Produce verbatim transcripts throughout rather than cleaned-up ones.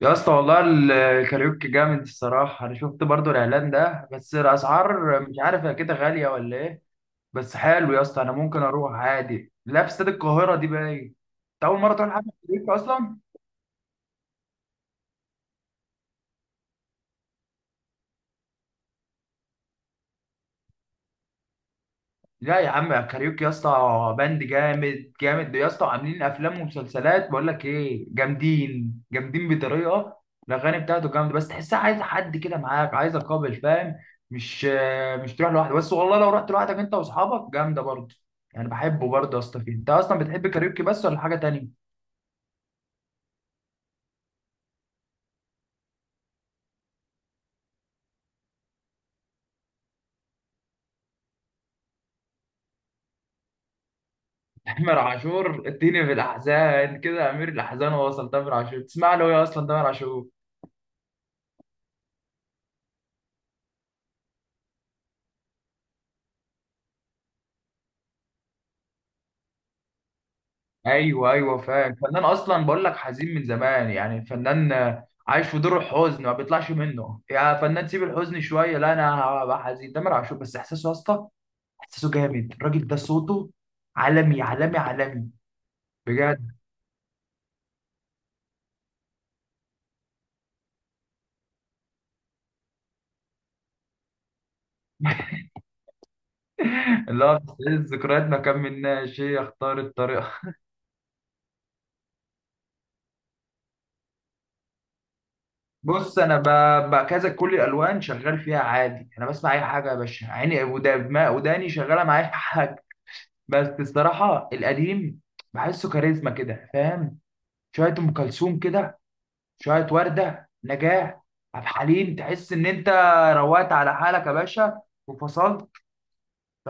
يا اسطى والله ال- الكاريوكي جامد الصراحة، أنا شفت برضو الإعلان ده، بس الأسعار مش عارف هي كده غالية ولا إيه؟ بس حلو يا اسطى، أنا ممكن أروح عادي. لا، في استاد القاهرة دي باين. أنت أول مرة تروح حفلة كاريوكي أصلا؟ لا يا عم، كاريوكي يا اسطى باند جامد جامد يا اسطى، عاملين افلام ومسلسلات. بقول لك ايه؟ جامدين جامدين بطريقه. الاغاني بتاعته جامده، بس تحسها عايز حد كده معاك، عايز قابل، فاهم؟ مش مش تروح لوحدك بس، والله لو رحت لوحدك انت واصحابك جامده برضه. يعني بحبه برضه يا اسطى. فيه انت اصلا بتحب كاريوكي بس ولا حاجه تانية؟ تامر عاشور اديني في الاحزان كده، امير الاحزان وصل تامر عاشور. تسمع له ايه اصلا تامر عاشور؟ ايوه ايوه فاهم. الفنان اصلا بقول لك حزين من زمان، يعني الفنان آه، عايش في دور الحزن ما بيطلعش منه. يا فنان سيب الحزن شويه، لا انا هبقى حزين. تامر عاشور بس احساسه يا اسطى، احساسه جامد. الراجل ده صوته عالمي عالمي عالمي، بجد. اللي هو بتستعيد الذكريات، ما كملناش، هي اختار الطريقه. بص، انا ب- ب- كذا كل الالوان شغال فيها عادي. انا بسمع اي حاجه يا باشا، عيني ودا- ما- وداني شغاله معايا حاجه. بس الصراحه القديم بحسه كاريزما كده، فاهم؟ شويه ام كلثوم كده، شويه ورده، نجاه، عبد الحليم. تحس ان انت روقت على حالك يا باشا، وفصلت. ف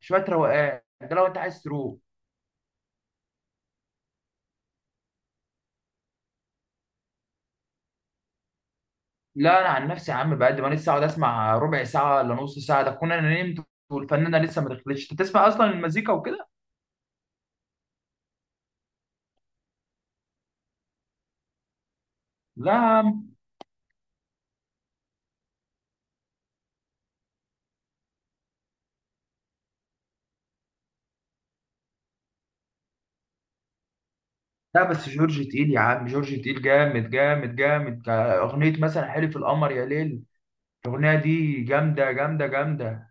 شويه روقان ده لو انت عايز تروح. لا، انا عن نفسي يا عم بقد ما لسه اقعد اسمع ربع ساعه ولا نص ساعه، ده كنا انا نمت والفنانه لسه ما دخلتش. انت بتسمع اصلا المزيكا وكده؟ لا يا عم. لا بس جورج تقيل يا عم، جورج تقيل جامد جامد جامد. اغنيه مثلا حلف القمر يا ليل، الاغنيه دي جامده جامده جامده.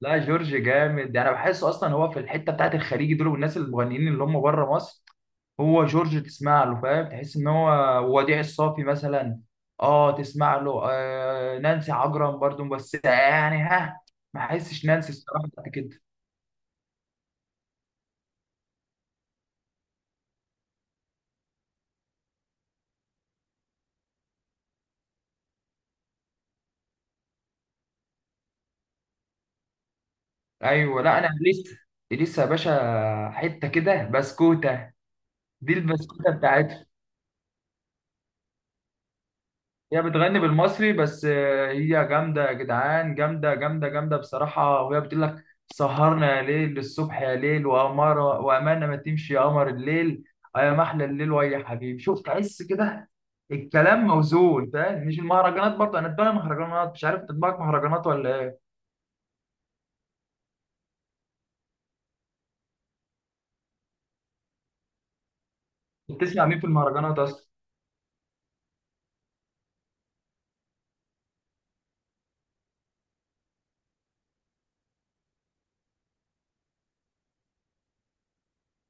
لا جورج جامد، انا بحسه اصلا هو في الحته بتاعت الخليج دول والناس المغنيين اللي هم بره مصر. هو جورج تسمع له فاهم، تحس ان هو وديع الصافي مثلا. اه تسمع له. آه نانسي عجرم برضو، بس يعني ها، ما احسش نانسي الصراحه بتاعت كده. ايوه. لا انا لسه لسه يا باشا حته كده بسكوته، دي البسكوته بتاعتهم. هي بتغني بالمصري، بس آه، هي جامدة يا جدعان جامدة جامدة جامدة بصراحة. وهي بتقول لك: سهرنا يا ليل للصبح يا ليل، وأمارة وأمانة ما تمشي يا قمر الليل، آه يا محلى الليل، ويا حبيبي شوف. تحس كده الكلام موزون، فاهم؟ مش المهرجانات برضه، أنا بتابع مهرجانات. مش عارف تطبيقك مهرجانات ولا إيه؟ بتسمع مين في المهرجانات أصلا؟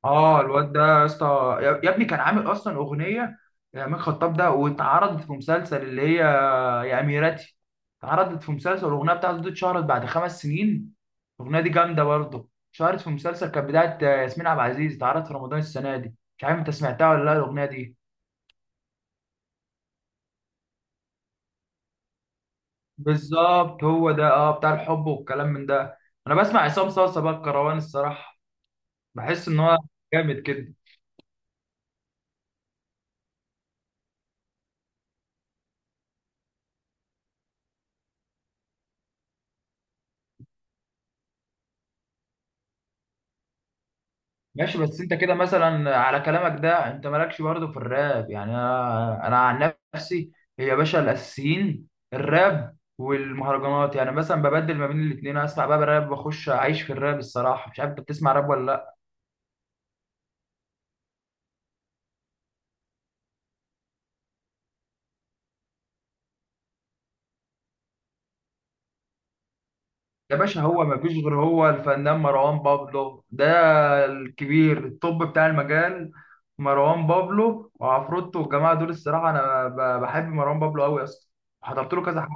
آه الواد ده يا اسطى، يا يا ابني كان عامل أصلا أغنية، يا عماد خطاب ده، واتعرضت في مسلسل اللي هي يا اميرتي. اتعرضت في مسلسل، الاغنيه بتاعته دي اتشهرت بعد خمس سنين. الاغنيه دي جامده برضه، اتشهرت في مسلسل كانت بدايه آه، ياسمين عبد العزيز، اتعرضت في رمضان السنه دي. مش عارف انت سمعتها ولا لا الاغنيه دي؟ بالظبط، هو ده، اه بتاع الحب والكلام من ده. انا بسمع عصام صاصا بقى الكروان الصراحه، بحس ان هو جامد كده. ماشي. بس انت كده مثلا على كلامك ده انت مالكش برضه في الراب يعني؟ انا انا عن نفسي يا باشا، الاساسيين الراب والمهرجانات. يعني مثلا ببدل ما بين الاثنين، اسمع بقى راب واخش اعيش في الراب الصراحه. مش عارف انت بتسمع راب ولا لا؟ يا باشا، هو ما فيش غير هو الفنان مروان بابلو ده، الكبير الطب بتاع المجال. مروان بابلو وعفروتو والجماعه دول الصراحه. انا ب- بحب مروان بابلو قوي يا اسطى، حضرت له كذا حاجه.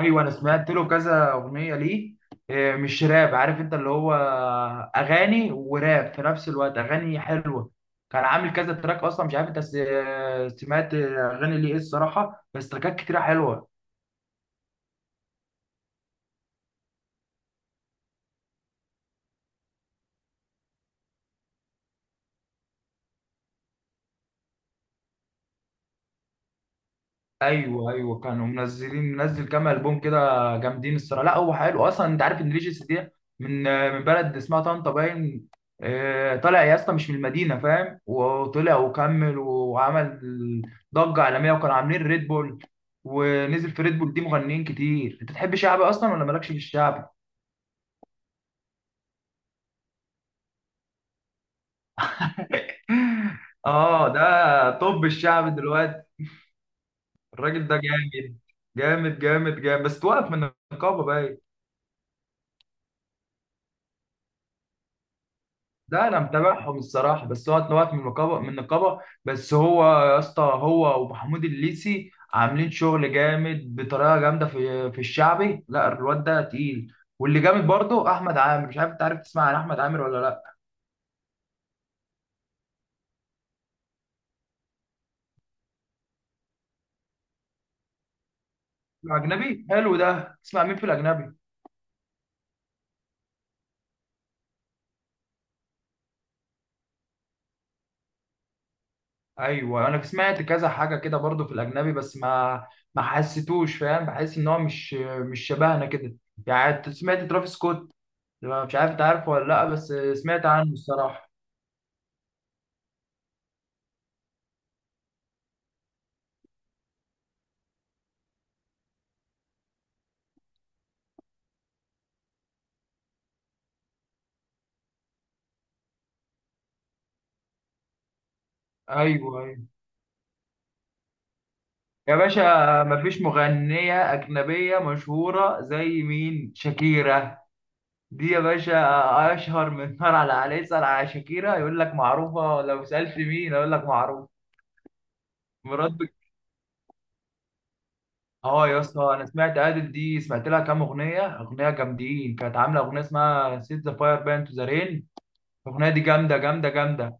ايوه انا سمعت له كذا اغنيه ليه، إيه، مش راب، عارف انت اللي هو اغاني وراب في نفس الوقت، اغاني حلوه. كان عامل كذا تراك اصلا، مش عارف انت س- سمعت اغاني ليه ايه الصراحه، بس تراكات كتيره حلوه. ايوه ايوه كانوا منزلين، منزل كام البوم كده، جامدين الصراحه. لا هو حلو اصلا، انت عارف ان ريجيس دي من من بلد اسمها طنطا باين. آه، طالع يا اسطى مش من المدينه فاهم، وطلع وكمل وعمل ضجه عالميه. وكانوا عاملين ريد بول، ونزل في ريد بول دي مغنيين كتير. انت تحب شعبي اصلا ولا مالكش في الشعب؟ اه ده طب الشعب دلوقتي. الراجل ده جامد جامد جامد جامد، بس توقف من النقابه باين. ده انا متابعهم الصراحه، بس هو اتنوعت من النقابه من النقابه بس هو يا اسطى هو ومحمود الليثي عاملين شغل جامد بطريقه جامده في في الشعبي. لا الواد ده تقيل. واللي جامد برضه احمد عامر، مش عارف انت عارف تسمع عن احمد عامر ولا لا؟ الاجنبي حلو ده، تسمع مين في الاجنبي؟ ايوه انا سمعت كذا حاجه كده برضه في الاجنبي، بس ما ما حسيتوش، فاهم؟ بحس ان هو مش مش شبهنا كده. يعني أنت سمعت ترافيس سكوت؟ مش عارف انت عارفه ولا لا، بس سمعت عنه الصراحه. ايوه ايوه. يا باشا، مفيش مغنية أجنبية مشهورة زي مين؟ شاكيرا دي يا باشا أشهر من نار على عليه. اسأل على شاكيرا يقول لك معروفة، لو سألت مين أقول لك معروف. مرات بك. آه يا اسطى، أنا سمعت أدل دي، سمعت لها كام أغنية، أغنية جامدين. كانت عاملة أغنية اسمها سيت ذا فاير بان تو ذا رين، الأغنية دي جامدة جامدة جامدة.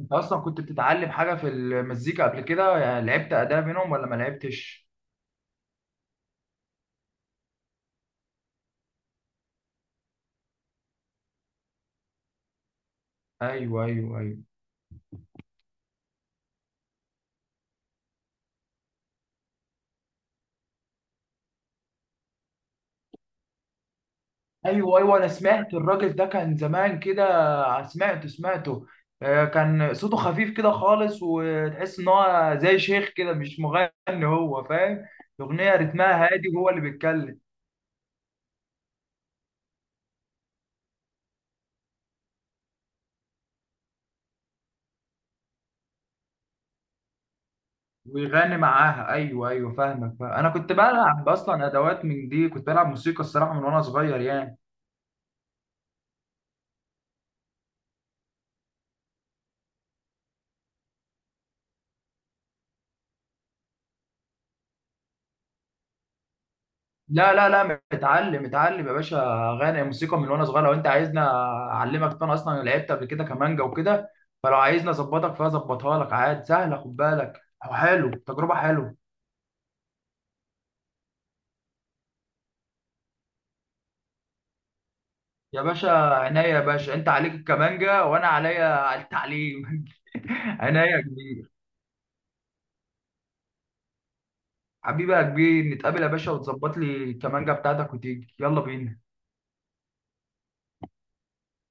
أنت أصلا كنت بتتعلم حاجة في المزيكا قبل كده؟ يعني لعبت أداة منهم ولا ما لعبتش؟ أيوه أيوه أيوه. ايوه ايوه انا سمعت الراجل ده كان زمان كده، سمعته سمعته. آه، كان صوته خفيف كده خالص، وتحس ان هو زي شيخ كده مش مغني هو، فاهم؟ الاغنيه رتمها هادي، وهو اللي بيتكلم ويغني معاها. ايوه ايوه فاهمك فاهم. انا كنت بلعب اصلا ادوات من دي، كنت بلعب موسيقى الصراحه من وانا صغير يعني. لا لا لا، متعلم متعلم يا باشا. غنى موسيقى من وانا صغير، لو انت عايزنا اعلمك انا اصلا لعبت قبل كده كمانجا وكده، فلو عايزني اظبطك فيها اظبطها لك عادي، سهله. خد بالك، حلو، تجربه حلوه. يا باشا عينيا، يا باشا انت عليك الكمانجا وانا عليا التعليم. عينيا يا كبير. حبيبي يا كبير، نتقابل يا باشا وتظبط لي الكمانجا بتاعتك، وتيجي يلا بينا.